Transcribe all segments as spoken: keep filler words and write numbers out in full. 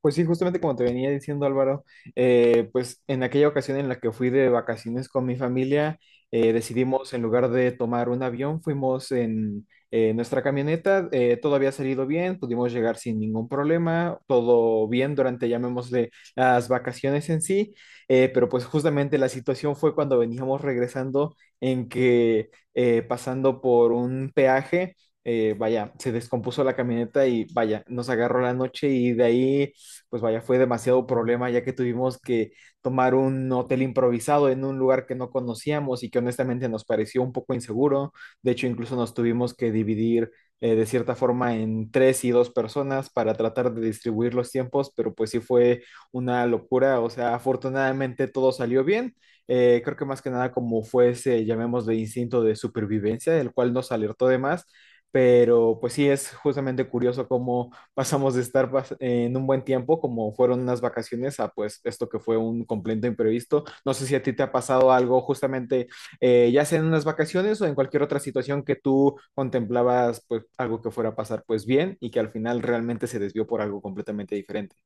Pues sí, justamente como te venía diciendo, Álvaro, eh, pues en aquella ocasión en la que fui de vacaciones con mi familia, eh, decidimos, en lugar de tomar un avión, fuimos en eh, nuestra camioneta. Eh, todo había salido bien, pudimos llegar sin ningún problema, todo bien durante, llamémosle, las vacaciones en sí. Eh, pero pues justamente la situación fue cuando veníamos regresando, en que eh, pasando por un peaje, eh, vaya, se descompuso la camioneta y, vaya, nos agarró la noche, y de ahí pues, vaya, fue demasiado problema, ya que tuvimos que tomar un hotel improvisado en un lugar que no conocíamos y que honestamente nos pareció un poco inseguro. De hecho, incluso nos tuvimos que dividir, eh, de cierta forma, en tres y dos personas para tratar de distribuir los tiempos, pero pues sí fue una locura. O sea, afortunadamente todo salió bien. Eh, creo que más que nada como fue ese, llamemos, de instinto de supervivencia, el cual nos alertó de más. Pero pues sí, es justamente curioso cómo pasamos de estar pas- en un buen tiempo, como fueron unas vacaciones, a pues esto que fue un completo imprevisto. No sé si a ti te ha pasado algo justamente, eh, ya sea en unas vacaciones o en cualquier otra situación que tú contemplabas, pues algo que fuera a pasar pues bien, y que al final realmente se desvió por algo completamente diferente.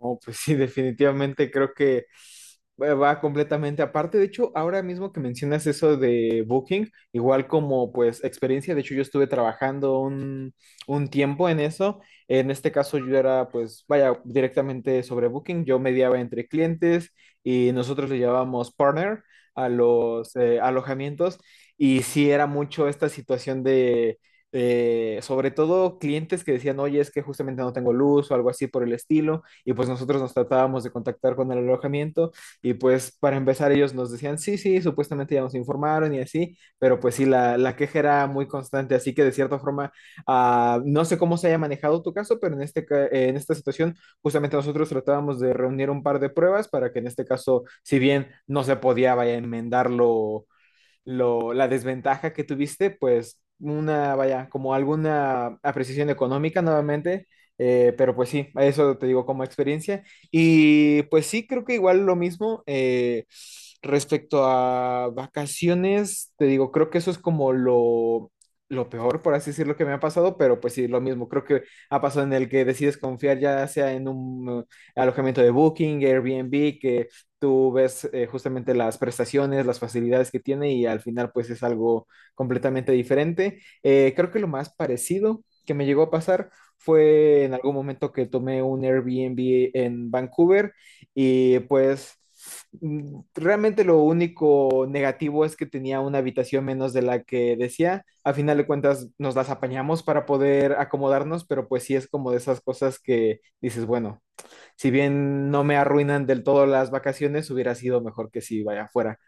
No, pues sí, definitivamente creo que va va completamente aparte. De hecho, ahora mismo que mencionas eso de Booking, igual como pues experiencia, de hecho yo estuve trabajando un, un tiempo en eso. En este caso yo era, pues, vaya, directamente sobre Booking. Yo mediaba entre clientes, y nosotros le llamábamos partner a los eh, alojamientos. Y sí era mucho esta situación de… eh, sobre todo clientes que decían, oye, es que justamente no tengo luz o algo así por el estilo, y pues nosotros nos tratábamos de contactar con el alojamiento, y pues para empezar ellos nos decían, sí, sí, supuestamente ya nos informaron y así, pero pues sí, la, la queja era muy constante, así que de cierta forma, ah, no sé cómo se haya manejado tu caso, pero en, este, ca- eh, en esta situación justamente nosotros tratábamos de reunir un par de pruebas para que, en este caso, si bien no se podía, vaya, enmendarlo, lo, la desventaja que tuviste, pues una, vaya, como alguna apreciación económica nuevamente. Eh, pero pues sí, eso te digo como experiencia. Y pues sí, creo que igual lo mismo, eh, respecto a vacaciones, te digo, creo que eso es como lo… lo peor, por así decirlo, que me ha pasado. Pero pues sí, lo mismo. Creo que ha pasado en el que decides confiar ya sea en un eh, alojamiento de Booking, Airbnb, que tú ves eh, justamente las prestaciones, las facilidades que tiene, y al final pues es algo completamente diferente. Eh, creo que lo más parecido que me llegó a pasar fue en algún momento que tomé un Airbnb en Vancouver, y pues mm, realmente lo único negativo es que tenía una habitación menos de la que decía. A final de cuentas nos las apañamos para poder acomodarnos, pero pues sí es como de esas cosas que dices, bueno, si bien no me arruinan del todo las vacaciones, hubiera sido mejor que si vaya afuera.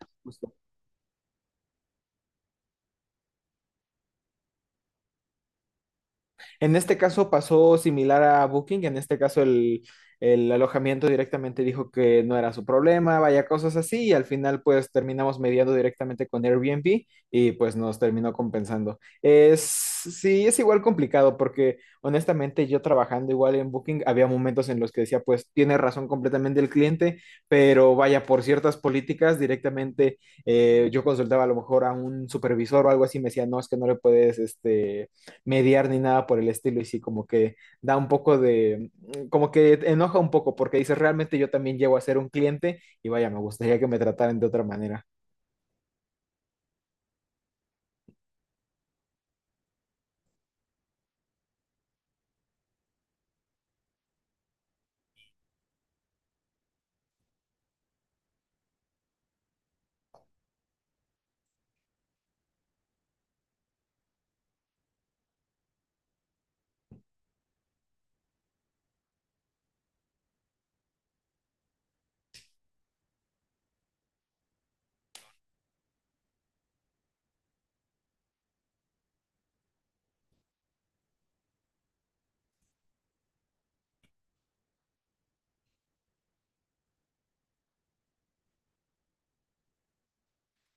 En este caso pasó similar a Booking. En este caso el, el alojamiento directamente dijo que no era su problema, vaya, cosas así, y al final pues terminamos mediando directamente con Airbnb y pues nos terminó compensando. Es, sí, es igual complicado, porque honestamente yo, trabajando igual en Booking, había momentos en los que decía, pues tiene razón completamente el cliente, pero vaya, por ciertas políticas directamente, eh, yo consultaba a lo mejor a un supervisor o algo así, me decía, no, es que no le puedes, este, mediar ni nada por el estilo, y sí, como que da un poco de, mm, como que enoja un poco, porque dices, realmente yo también llego a ser un cliente y, vaya, me gustaría que me trataran de otra manera.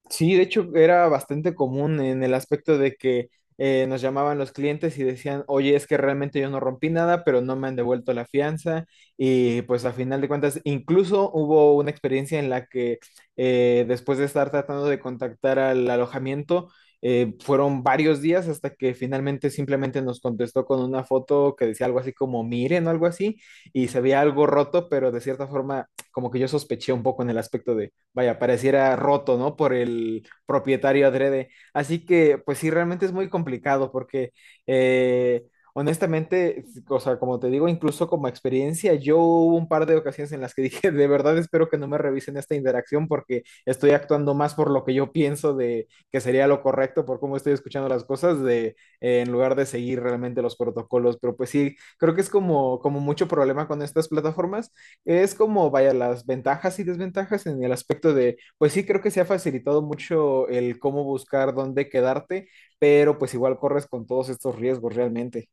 Sí, de hecho era bastante común en el aspecto de que eh, nos llamaban los clientes y decían, oye, es que realmente yo no rompí nada, pero no me han devuelto la fianza. Y pues a final de cuentas, incluso hubo una experiencia en la que eh, después de estar tratando de contactar al alojamiento, eh, fueron varios días hasta que finalmente simplemente nos contestó con una foto que decía algo así como miren o algo así, y se veía algo roto, pero de cierta forma como que yo sospeché un poco en el aspecto, vaya, pareciera roto, ¿no? Por el propietario, adrede. Así que pues sí, realmente es muy complicado, porque eh, honestamente, o sea, como te digo, incluso como experiencia, yo hubo un par de ocasiones en las que dije, de verdad espero que no me revisen esta interacción, porque estoy actuando más por lo que yo pienso de que sería lo correcto, por cómo estoy escuchando las cosas, de, eh, en lugar de seguir realmente los protocolos. Pero pues sí, creo que es como, como mucho problema con estas plataformas, es como, vaya, las ventajas y desventajas en el aspecto de, pues sí, creo que se ha facilitado mucho el cómo buscar dónde quedarte, pero pues igual corres con todos estos riesgos realmente.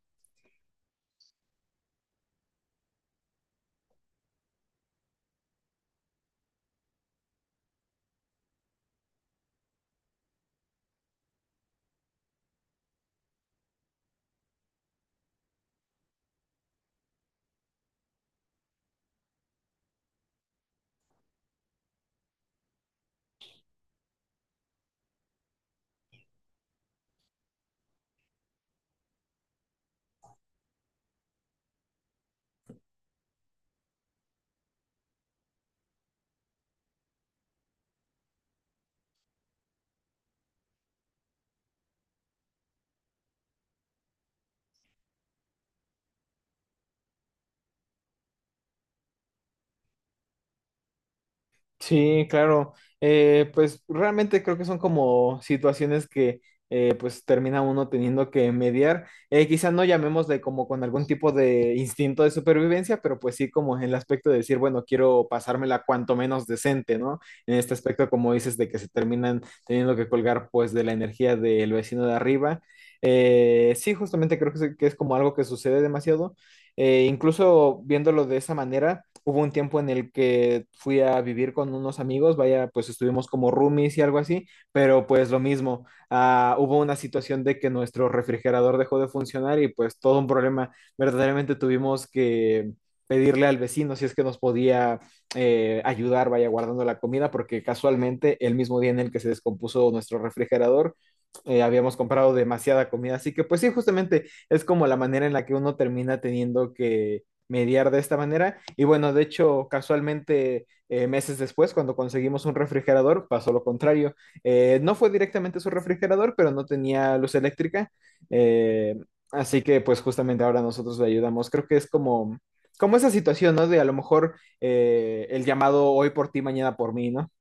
Sí, claro. Eh, pues realmente creo que son como situaciones que, eh, pues termina uno teniendo que mediar. Eh, quizá no, llamémosle como con algún tipo de instinto de supervivencia, pero pues sí, como en el aspecto de decir, bueno, quiero pasármela cuanto menos decente, ¿no? En este aspecto, como dices, de que se terminan teniendo que colgar pues de la energía del vecino de arriba. Eh, sí, justamente creo que es, que es como algo que sucede demasiado. Eh, incluso viéndolo de esa manera, hubo un tiempo en el que fui a vivir con unos amigos, vaya, pues estuvimos como roomies y algo así, pero pues lo mismo, ah, hubo una situación de que nuestro refrigerador dejó de funcionar y pues todo un problema. Verdaderamente tuvimos que pedirle al vecino si es que nos podía eh, ayudar, vaya, guardando la comida, porque casualmente el mismo día en el que se descompuso nuestro refrigerador, eh, habíamos comprado demasiada comida. Así que pues sí, justamente es como la manera en la que uno termina teniendo que mediar de esta manera. Y bueno, de hecho, casualmente, eh, meses después, cuando conseguimos un refrigerador, pasó lo contrario. Eh, no fue directamente su refrigerador, pero no tenía luz eléctrica. Eh, así que pues justamente ahora nosotros le ayudamos. Creo que es como, como esa situación, ¿no? De a lo mejor eh, el llamado hoy por ti, mañana por mí, ¿no?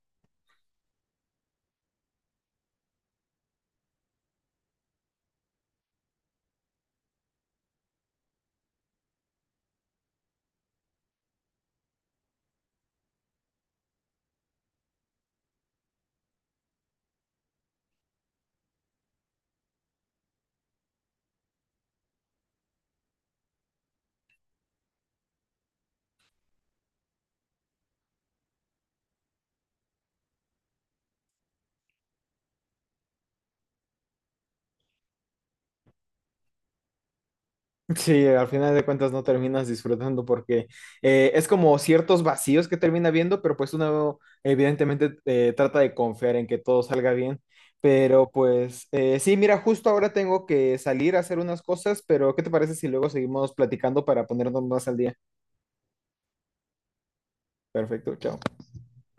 Sí, al final de cuentas no terminas disfrutando porque eh, es como ciertos vacíos que termina viendo, pero pues uno evidentemente eh, trata de confiar en que todo salga bien. Pero pues eh, sí, mira, justo ahora tengo que salir a hacer unas cosas, pero ¿qué te parece si luego seguimos platicando para ponernos más al día? Perfecto, chao.